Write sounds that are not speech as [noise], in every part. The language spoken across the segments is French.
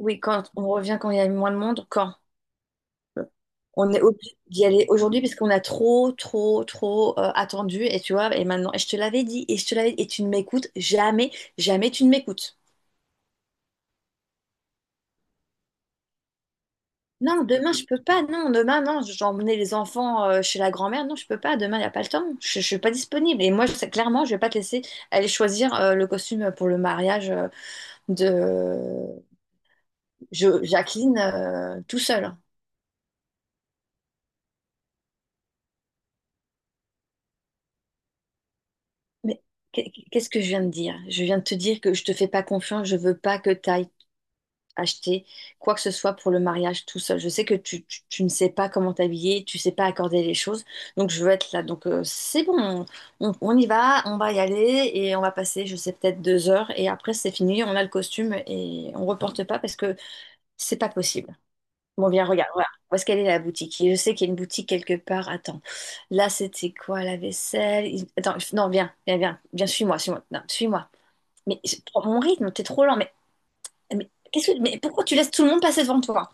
Oui, quand on revient quand il y a moins de monde, quand euh, on est obligé d'y aller aujourd'hui parce qu'on a trop attendu et tu vois, et maintenant, et je te l'avais dit, et je te l'avais dit, et tu ne m'écoutes jamais, jamais tu ne m'écoutes. Non, demain je peux pas, non, demain non, j'ai emmené les enfants chez la grand-mère, non, je peux pas, demain il n'y a pas le temps, je suis pas disponible. Et moi, clairement, je vais pas te laisser aller choisir le costume pour le mariage de Jacqueline tout seul. Mais qu'est-ce que je viens de dire? Je viens de te dire que je te fais pas confiance, je veux pas que tu ailles acheter quoi que ce soit pour le mariage tout seul. Je sais que tu ne sais pas comment t'habiller, tu sais pas accorder les choses, donc je veux être là. Donc c'est bon, on y va, on va y aller et on va passer, je sais, peut-être 2 heures et après c'est fini, on a le costume et on reporte pas parce que c'est pas possible. Bon, viens, regarde, voilà. Où est-ce qu'elle est la boutique? Et je sais qu'il y a une boutique quelque part. Attends, là c'était quoi la vaisselle? Attends, non, viens, suis-moi, suis-moi, non, suis-moi. Mais prends mon rythme, t'es trop lent. Mais mais pourquoi tu laisses tout le monde passer devant toi?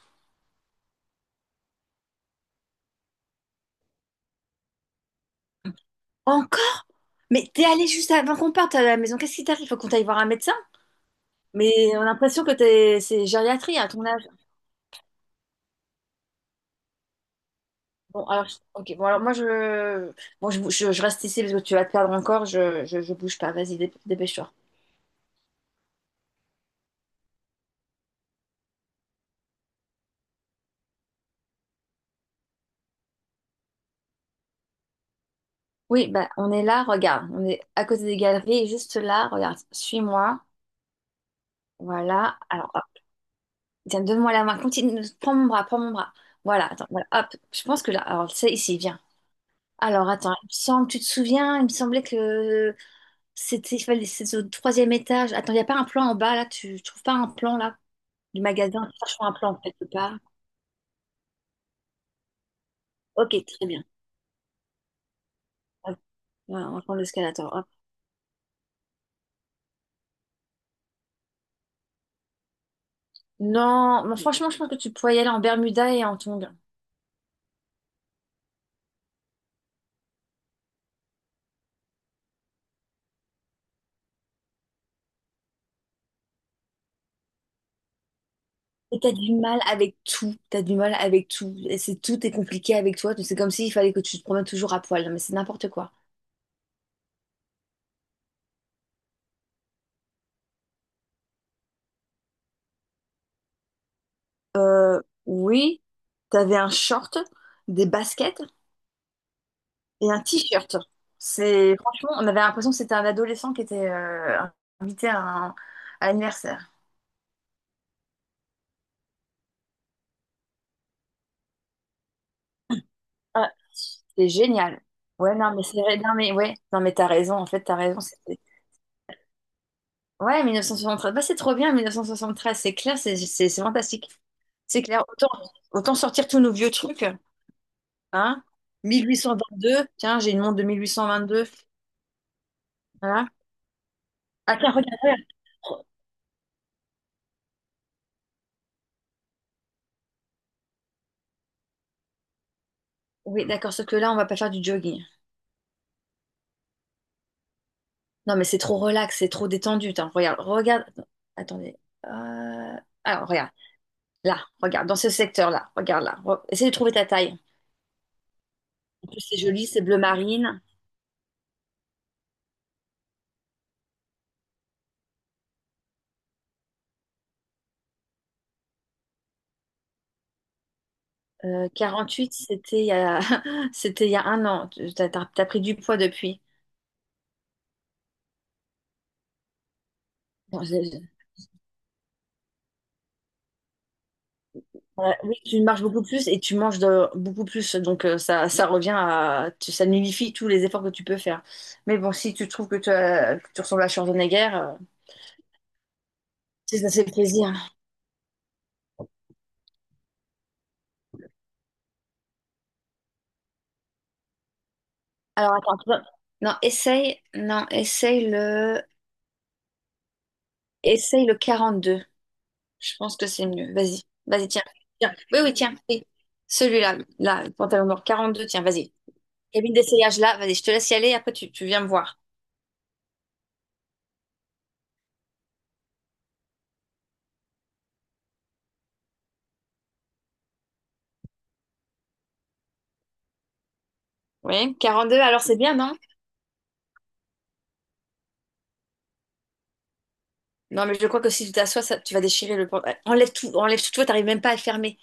Encore? Mais t'es allé juste avant qu'on parte à la maison. Qu'est-ce qui t'arrive? Faut qu'on t'aille voir un médecin? Mais on a l'impression que t'es, c'est gériatrie à ton âge. Bon, alors, ok, bon, alors moi je, bon, je, bou- je reste ici parce que tu vas te perdre encore. Je bouge pas. Vas-y, dépêche-toi. Oui, bah, on est là, regarde, on est à côté des galeries, et juste là, regarde, suis-moi, voilà, alors, hop, tiens, donne-moi la main, continue, prends mon bras, voilà, attends, voilà, hop, je pense que là, alors, c'est ici, viens. Alors, attends, il me semble, tu te souviens, il me semblait que c'était, c'est au troisième étage, attends, il n'y a pas un plan en bas, là, tu trouves pas un plan, là, du magasin, cherche un plan, quelque part. Ok, très bien, hop, voilà, on va prendre l'escalator, hop. Non, mais franchement, je pense que tu pourrais y aller en Bermuda et en tongs. Et t'as du mal avec tout, t'as du mal avec tout. Et c'est tout est compliqué avec toi. C'est comme s'il fallait que tu te promènes toujours à poil. Non, mais c'est n'importe quoi. Euh, oui, t'avais un short, des baskets et un t-shirt. C'est franchement, on avait l'impression que c'était un adolescent qui était invité à à l'anniversaire. Ah, c'est génial. Ouais, non, mais c'est vrai. Non, mais ouais, non, mais t'as raison. En fait, t'as raison. Ouais, 1973. Bah, c'est trop bien, 1973. C'est clair, c'est fantastique. C'est clair. Autant, autant sortir tous nos vieux trucs. Hein? 1822. Tiens, j'ai une montre de 1822. Voilà. Ah, tiens, regarde. Re- Oui, d'accord. Sauf que là, on va pas faire du jogging. Non, mais c'est trop relax, c'est trop détendu. Tiens. Regarde. Attendez. Euh, Alors, regarde. Là, regarde. Dans ce secteur-là. Regarde là. Essaye de trouver ta taille. En plus, c'est joli, c'est bleu marine. 48, c'était il y a... [laughs] c'était il y a un an. T'as, t'as pris du poids depuis. Bon, voilà. Oui, tu marches beaucoup plus et tu manges beaucoup plus. Donc, ça, ça revient à... ça nullifie tous les efforts que tu peux faire. Mais bon, si tu trouves que, que tu ressembles à Schwarzenegger, c'est ça, c'est le plaisir. Alors, attends. Non, Non, Essaye le 42. Je pense que c'est mieux. Vas-y. Vas-y, tiens. Tiens. Oui, oui, tiens. Oui. Celui-là, là, pantalon noir 42. Tiens, vas-y. Cabine d'essayage là, vas-y, je te laisse y aller, après tu viens me voir. Oui, 42, alors c'est bien, non? Non, mais je crois que si tu t'assois, ça, tu vas déchirer le. Enlève tout, toi, t'arrives même pas à le fermer.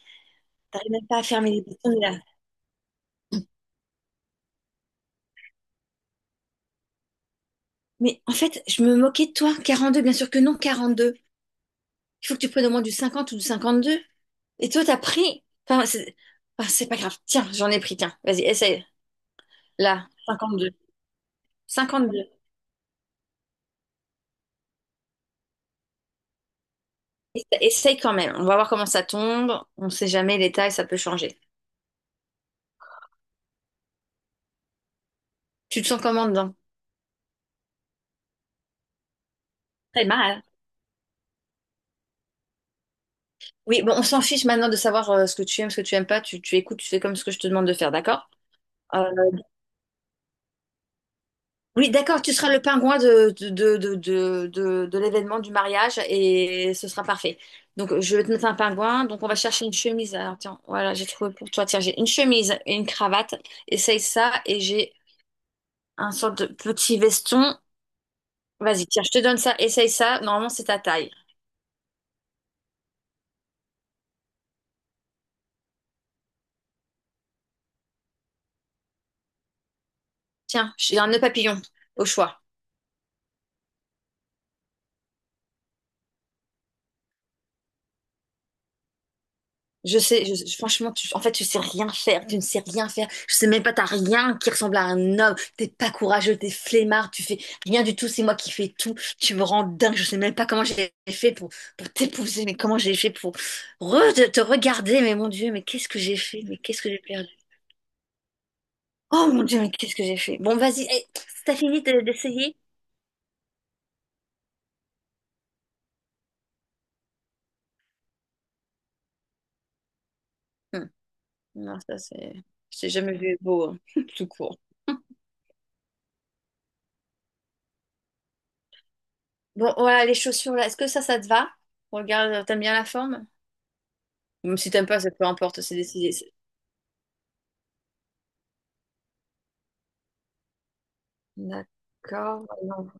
T'arrives même pas à fermer les boutons, là. Mais en fait, je me moquais de toi. 42, bien sûr que non, 42. Il faut que tu prennes au moins du 50 ou du 52. Et toi, t'as pris... Enfin, c'est pas grave. Tiens, j'en ai pris, tiens. Vas-y, essaye. Là, 52. 52. Essaye quand même. On va voir comment ça tombe. On sait jamais, les tailles, ça peut changer. Tu te sens comment dedans? Très mal. Oui, bon, on s'en fiche maintenant de savoir ce que tu aimes, ce que tu aimes pas. Tu écoutes, tu fais comme ce que je te demande de faire, d'accord? Euh, oui, d'accord, tu seras le pingouin de l'événement du mariage et ce sera parfait. Donc, je vais te mettre un pingouin. Donc, on va chercher une chemise. Alors, tiens, voilà, j'ai trouvé pour toi. Tiens, j'ai une chemise et une cravate. Essaye ça et j'ai un sorte de petit veston. Vas-y, tiens, je te donne ça. Essaye ça. Normalement, c'est ta taille. Tiens, j'ai un nœud papillon au choix. Je sais, franchement, tu sais rien faire, tu ne sais rien faire. Je sais même pas, t'as rien qui ressemble à un homme. T'es pas courageux, t'es flemmard, tu fais rien du tout. C'est moi qui fais tout. Tu me rends dingue. Je sais même pas comment j'ai fait pour t'épouser, mais comment j'ai fait pour te regarder. Mais mon Dieu, mais qu'est-ce que j'ai fait? Mais qu'est-ce que j'ai perdu? Oh mon Dieu, mais qu'est-ce que j'ai fait? Bon, vas-y, hey, t'as fini d'essayer? Hmm. Non, ça c'est, j'ai jamais vu beau, hein, [laughs] tout court. Bon, voilà, les chaussures là. Est-ce que ça te va? Regarde, t'aimes bien la forme? Même si t'aimes pas, ça peu importe, c'est décidé. D'accord, voyons.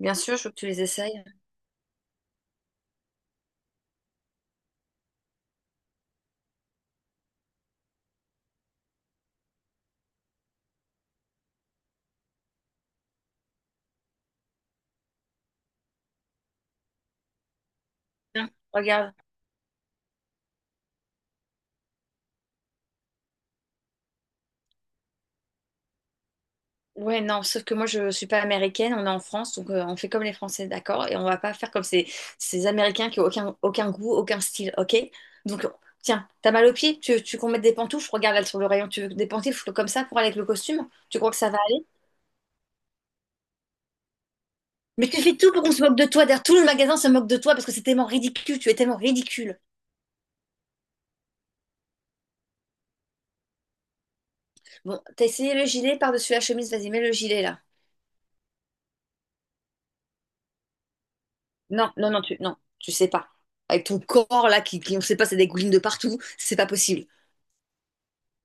Bien sûr, je veux que tu les essayes. Tiens, regarde. Ouais, non, sauf que moi je suis pas américaine, on est en France, donc on fait comme les Français, d'accord? Et on va pas faire comme ces Américains qui ont aucun goût, aucun style, ok? Donc, tiens, t'as mal aux pieds? Tu veux qu'on mette des pantoufles? Regarde là sur le rayon, tu veux des pantoufles comme ça pour aller avec le costume? Tu crois que ça va aller? Mais tu fais tout pour qu'on se moque de toi, d'ailleurs tout le magasin se moque de toi parce que c'est tellement ridicule, tu es tellement ridicule. Bon, t'as essayé le gilet par-dessus la chemise, vas-y, mets le gilet là. Non, non, non, non, tu sais pas. Avec ton corps là qui on sait pas, ça dégouline de partout, c'est pas possible.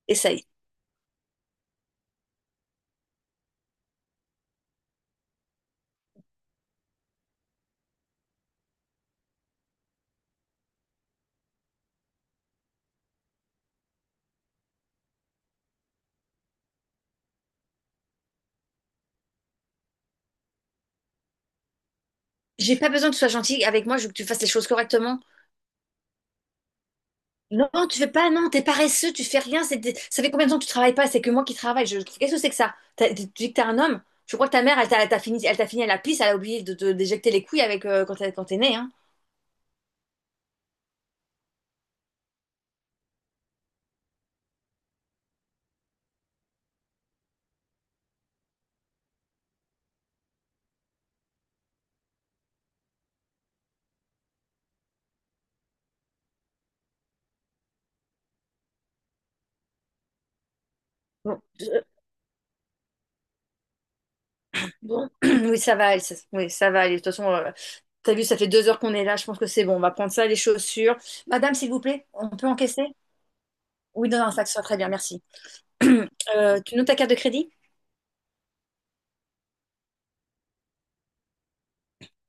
Essaye. J'ai pas besoin que tu sois gentil avec moi, je veux que tu fasses les choses correctement. Non, tu fais pas, non, t'es paresseux, tu fais rien. Ça fait combien de temps que tu travailles pas? C'est que moi qui travaille. Je... Qu'est-ce que c'est que ça? Tu dis que t'es un homme? Je crois que ta mère, elle t'a fini à la pisse, elle a oublié de te déjecter les couilles avec quand t'es né, hein. Bon, bon. [clears throat] Oui, ça va, oui, ça va aller. De toute façon, t'as vu, ça fait 2 heures qu'on est là. Je pense que c'est bon. On va prendre ça, les chaussures. Madame, s'il vous plaît, on peut encaisser? Oui, non, non, ça te soit très bien, merci. [clears throat] Tu notes ta carte de crédit?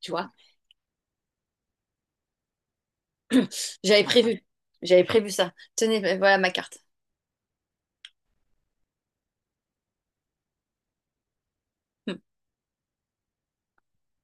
Tu vois, [clears throat] j'avais prévu. J'avais prévu ça. Tenez, ben, voilà ma carte. Hmm.